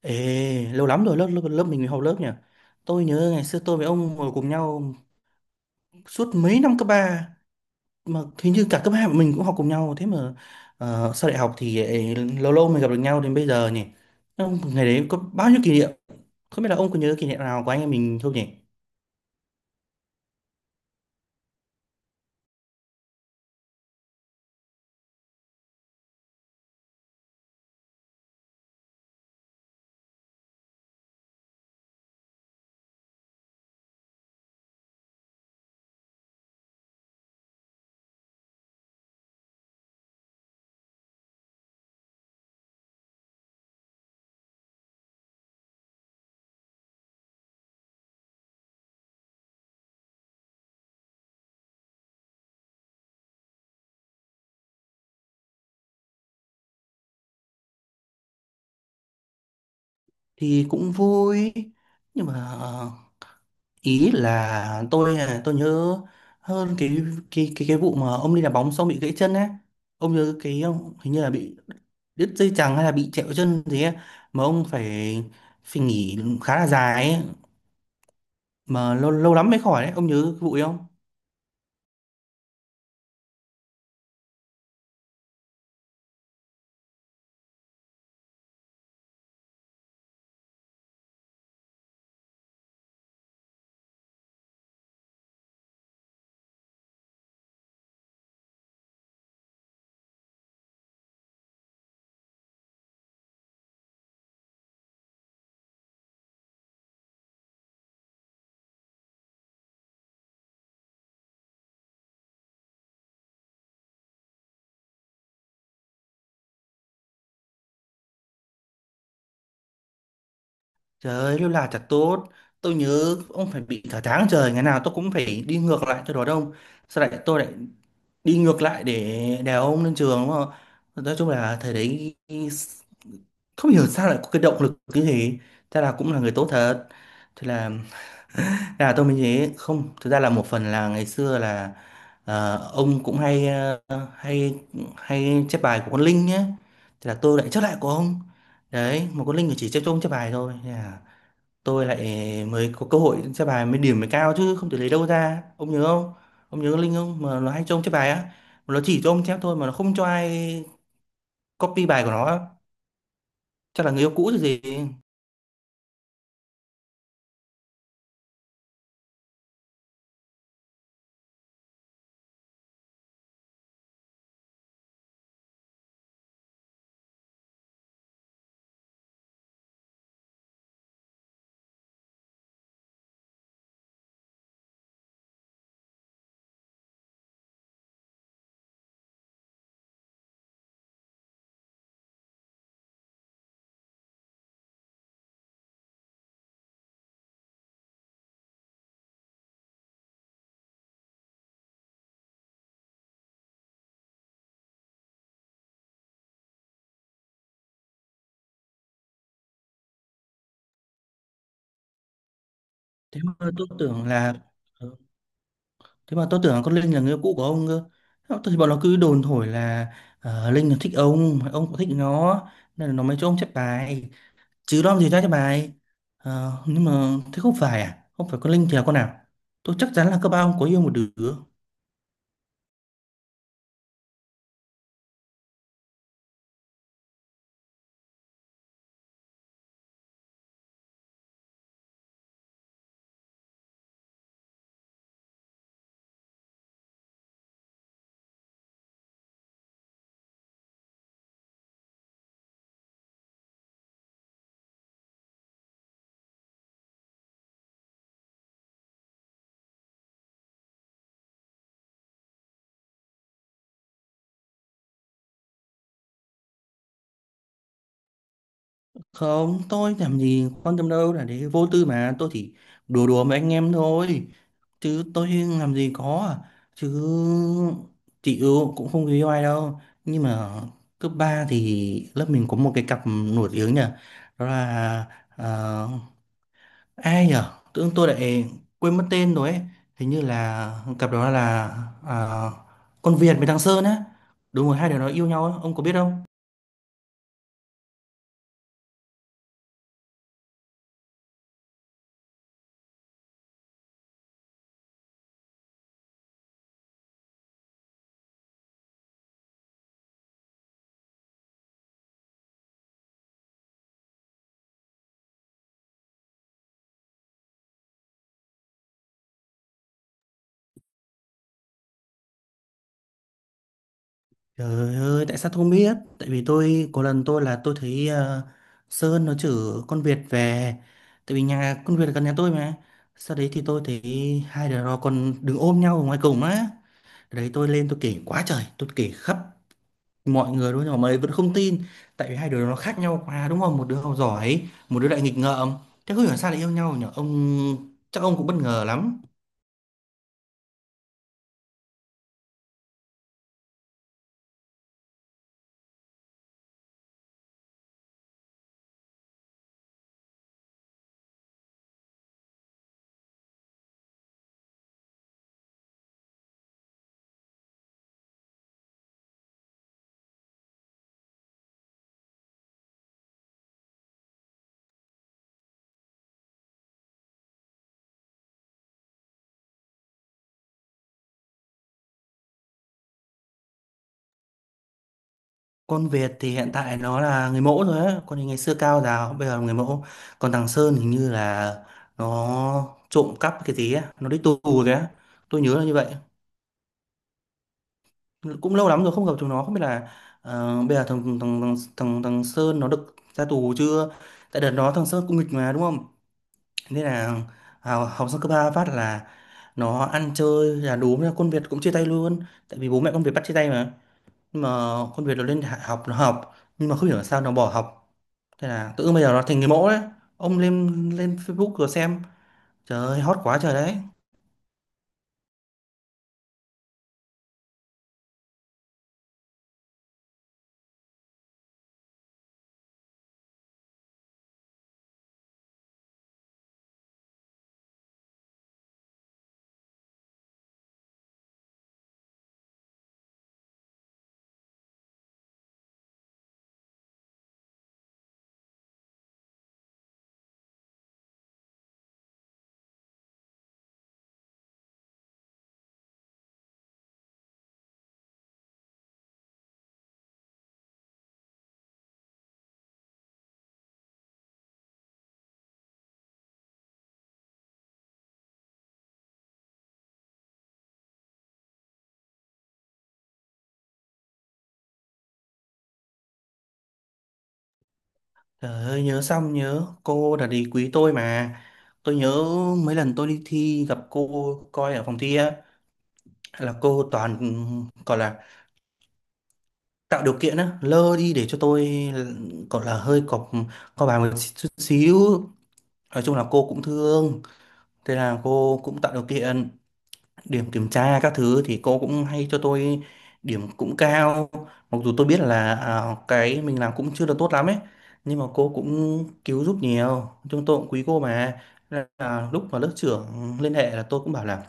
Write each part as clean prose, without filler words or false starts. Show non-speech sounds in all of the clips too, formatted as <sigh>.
Ê, lâu lắm rồi lớp lớp, lớp mình học lớp nhỉ. Tôi nhớ ngày xưa tôi với ông ngồi cùng nhau suốt mấy năm cấp ba, mà hình như cả cấp 2 mình cũng học cùng nhau. Thế mà sau đại học thì ấy, lâu lâu mới gặp được nhau đến bây giờ nhỉ. Ông ngày đấy có bao nhiêu kỷ niệm? Không biết là ông có nhớ kỷ niệm nào của anh em mình không nhỉ? Thì cũng vui, nhưng mà ờ, ý là tôi nhớ hơn cái cái vụ mà ông đi đá bóng xong bị gãy chân á, ông nhớ cái ông hình như là bị đứt dây chằng hay là bị trẹo chân gì ấy, mà ông phải phải nghỉ khá là dài ấy, mà lâu lâu lắm mới khỏi đấy, ông nhớ cái vụ ấy không? Trời ơi, lâu là thật tốt. Tôi nhớ ông phải bị cả tháng trời, ngày nào tôi cũng phải đi ngược lại cho đó đông, sau lại tôi lại đi ngược lại để đèo ông lên trường đúng không? Nói chung là thời đấy không hiểu sao lại có cái động lực như thế, thế là cũng là người tốt thật. Thế là <laughs> là tôi mới thế, không, thực ra là một phần là ngày xưa là ông cũng hay ờ, hay hay chép bài của con Linh nhé, thế là tôi lại chép lại của ông đấy. Mà con Linh chỉ chép cho ông chép bài thôi, thế là tôi lại mới có cơ hội chép bài, mới điểm mới cao chứ không thể lấy đâu ra, ông nhớ không? Ông nhớ con Linh không, mà nó hay cho ông chép bài á, mà nó chỉ cho ông chép thôi, mà nó không cho ai copy bài của nó á. Chắc là người yêu cũ rồi gì. Thế mà tôi tưởng là ờ, thế mà tôi tưởng là con Linh là người yêu cũ của ông cơ. Thế thì bọn nó cứ đồn thổi là Linh là thích ông cũng thích nó, nên là nó mới cho ông chép bài, chứ đó làm gì ra chép bài. Ờ, nhưng mà thế không phải à, không phải con Linh thì là con nào? Tôi chắc chắn là cấp ba ông có yêu một đứa. Không, tôi làm gì quan tâm đâu, là để vô tư mà, tôi chỉ đùa đùa với anh em thôi, chứ tôi làm gì có à. Chứ chị Ưu cũng không yêu ai đâu, nhưng mà cấp 3 thì lớp mình có một cái cặp nổi tiếng nhỉ, đó là ờ, ai nhỉ, tự dưng tôi lại quên mất tên rồi ấy. Hình như là cặp đó là ờ, con Việt với thằng Sơn á, đúng rồi, hai đứa nó yêu nhau á, ông có biết không? Trời ơi, tại sao tôi không biết? Tại vì tôi, có lần tôi là tôi thấy Sơn nó chửi con Việt về. Tại vì nhà con Việt là gần nhà tôi mà. Sau đấy thì tôi thấy hai đứa nó còn đứng ôm nhau ở ngoài cổng á. Đấy, tôi lên tôi kể quá trời, tôi kể khắp mọi người luôn, nhưng mà mọi người vẫn không tin. Tại vì hai đứa nó khác nhau quá đúng không? Một đứa học giỏi, một đứa lại nghịch ngợm. Thế không hiểu sao lại yêu nhau nhỉ? Ông, chắc ông cũng bất ngờ lắm. Con Việt thì hiện tại nó là người mẫu rồi á, còn thì ngày xưa cao giáo, bây giờ là người mẫu. Còn thằng Sơn hình như là nó trộm cắp cái gì á, nó đi tù rồi á. Tôi nhớ là như vậy. Cũng lâu lắm rồi không gặp chúng nó, không biết là bây giờ thằng thằng, thằng thằng thằng Sơn nó được ra tù chưa? Tại đợt đó thằng Sơn cũng nghịch mà đúng không? Nên là học xong cấp 3 phát là nó ăn chơi, là đúng là con Việt cũng chia tay luôn, tại vì bố mẹ con Việt bắt chia tay mà. Nhưng mà con Việt nó lên học nó học, nhưng mà không hiểu là sao nó bỏ học. Thế là tự dưng bây giờ nó thành người mẫu đấy. Ông lên lên Facebook rồi xem. Trời ơi, hot quá trời đấy. Trời ơi, nhớ, xong nhớ cô là đi quý tôi mà. Tôi nhớ mấy lần tôi đi thi gặp cô coi ở phòng thi á, là cô toàn gọi là tạo điều kiện á, lơ đi để cho tôi gọi là hơi cọc co bài một chút xíu. Nói chung là cô cũng thương, thế là cô cũng tạo điều kiện. Điểm kiểm tra các thứ thì cô cũng hay cho tôi điểm cũng cao, mặc dù tôi biết là cái mình làm cũng chưa được tốt lắm ấy, nhưng mà cô cũng cứu giúp nhiều, chúng tôi cũng quý cô mà. Nên là lúc mà lớp trưởng liên hệ là tôi cũng bảo là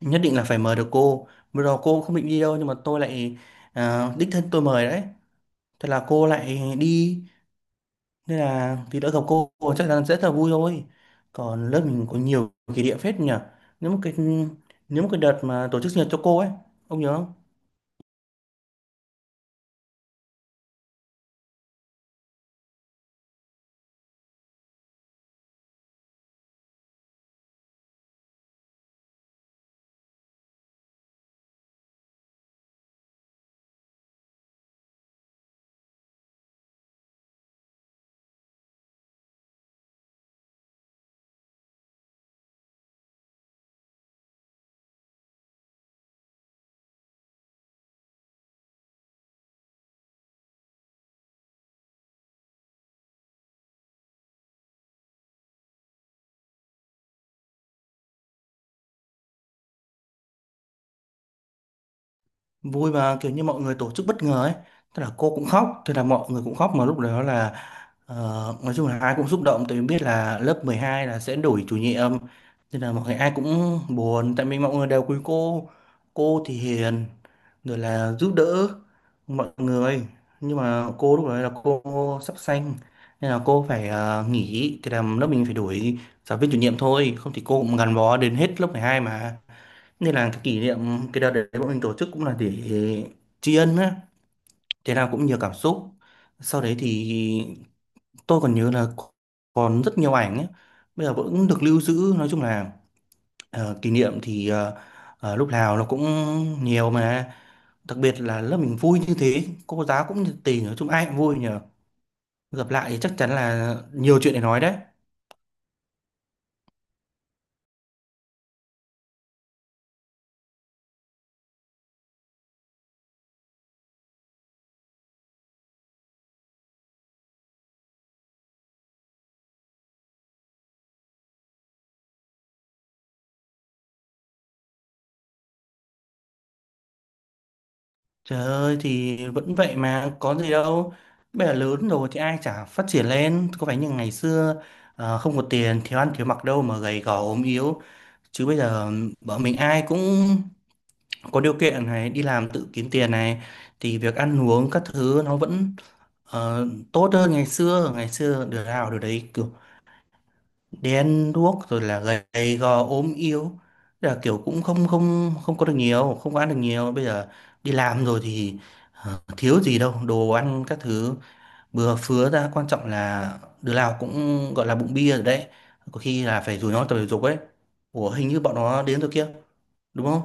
nhất định là phải mời được cô. Bây giờ cô không định đi đâu, nhưng mà tôi lại đích thân tôi mời đấy, thế là cô lại đi. Nên là thì đỡ, gặp cô chắc chắn sẽ rất là vui thôi. Còn lớp mình có nhiều kỷ niệm phết nhỉ. nếu một cái Nếu một cái đợt mà tổ chức sinh nhật cho cô ấy, ông nhớ không? Vui mà, kiểu như mọi người tổ chức bất ngờ ấy, tức là cô cũng khóc, thế là mọi người cũng khóc. Mà lúc đó là ờ, nói chung là ai cũng xúc động, tại vì biết là lớp 12 là sẽ đổi chủ nhiệm, nên là mọi người ai cũng buồn, tại vì mọi người đều quý cô. Cô thì hiền rồi là giúp đỡ mọi người, nhưng mà cô lúc đấy là cô sắp sanh nên là cô phải nghỉ, thì làm lớp mình phải đổi giáo viên chủ nhiệm thôi, không thì cô cũng gắn bó đến hết lớp 12 mà. Nên là cái kỷ niệm cái đợt đấy bọn mình tổ chức cũng là để tri ân á, thế nào cũng nhiều cảm xúc. Sau đấy thì tôi còn nhớ là còn rất nhiều ảnh ấy. Bây giờ vẫn được lưu giữ. Nói chung là kỷ niệm thì lúc nào nó cũng nhiều mà. Đặc biệt là lớp mình vui như thế, cô giáo cũng nhiệt tình, nói chung ai cũng vui nhờ. Gặp lại thì chắc chắn là nhiều chuyện để nói đấy. Trời ơi, thì vẫn vậy mà có gì đâu. Bây giờ lớn rồi thì ai chả phát triển lên, có phải như ngày xưa không có tiền, thiếu ăn thiếu mặc đâu mà gầy gò ốm yếu. Chứ bây giờ bọn mình ai cũng có điều kiện này, đi làm tự kiếm tiền này, thì việc ăn uống các thứ nó vẫn tốt hơn ngày xưa. Ngày xưa được nào được đấy, đen đuốc rồi là gầy gò ốm yếu. Thế là kiểu cũng không không không có được nhiều, không có ăn được nhiều. Bây giờ đi làm rồi thì thiếu gì đâu đồ ăn các thứ, bừa phứa ra. Quan trọng là đứa nào cũng gọi là bụng bia rồi đấy, có khi là phải rủ nhau tập thể dục ấy. Ủa, hình như bọn nó đến rồi kia đúng không?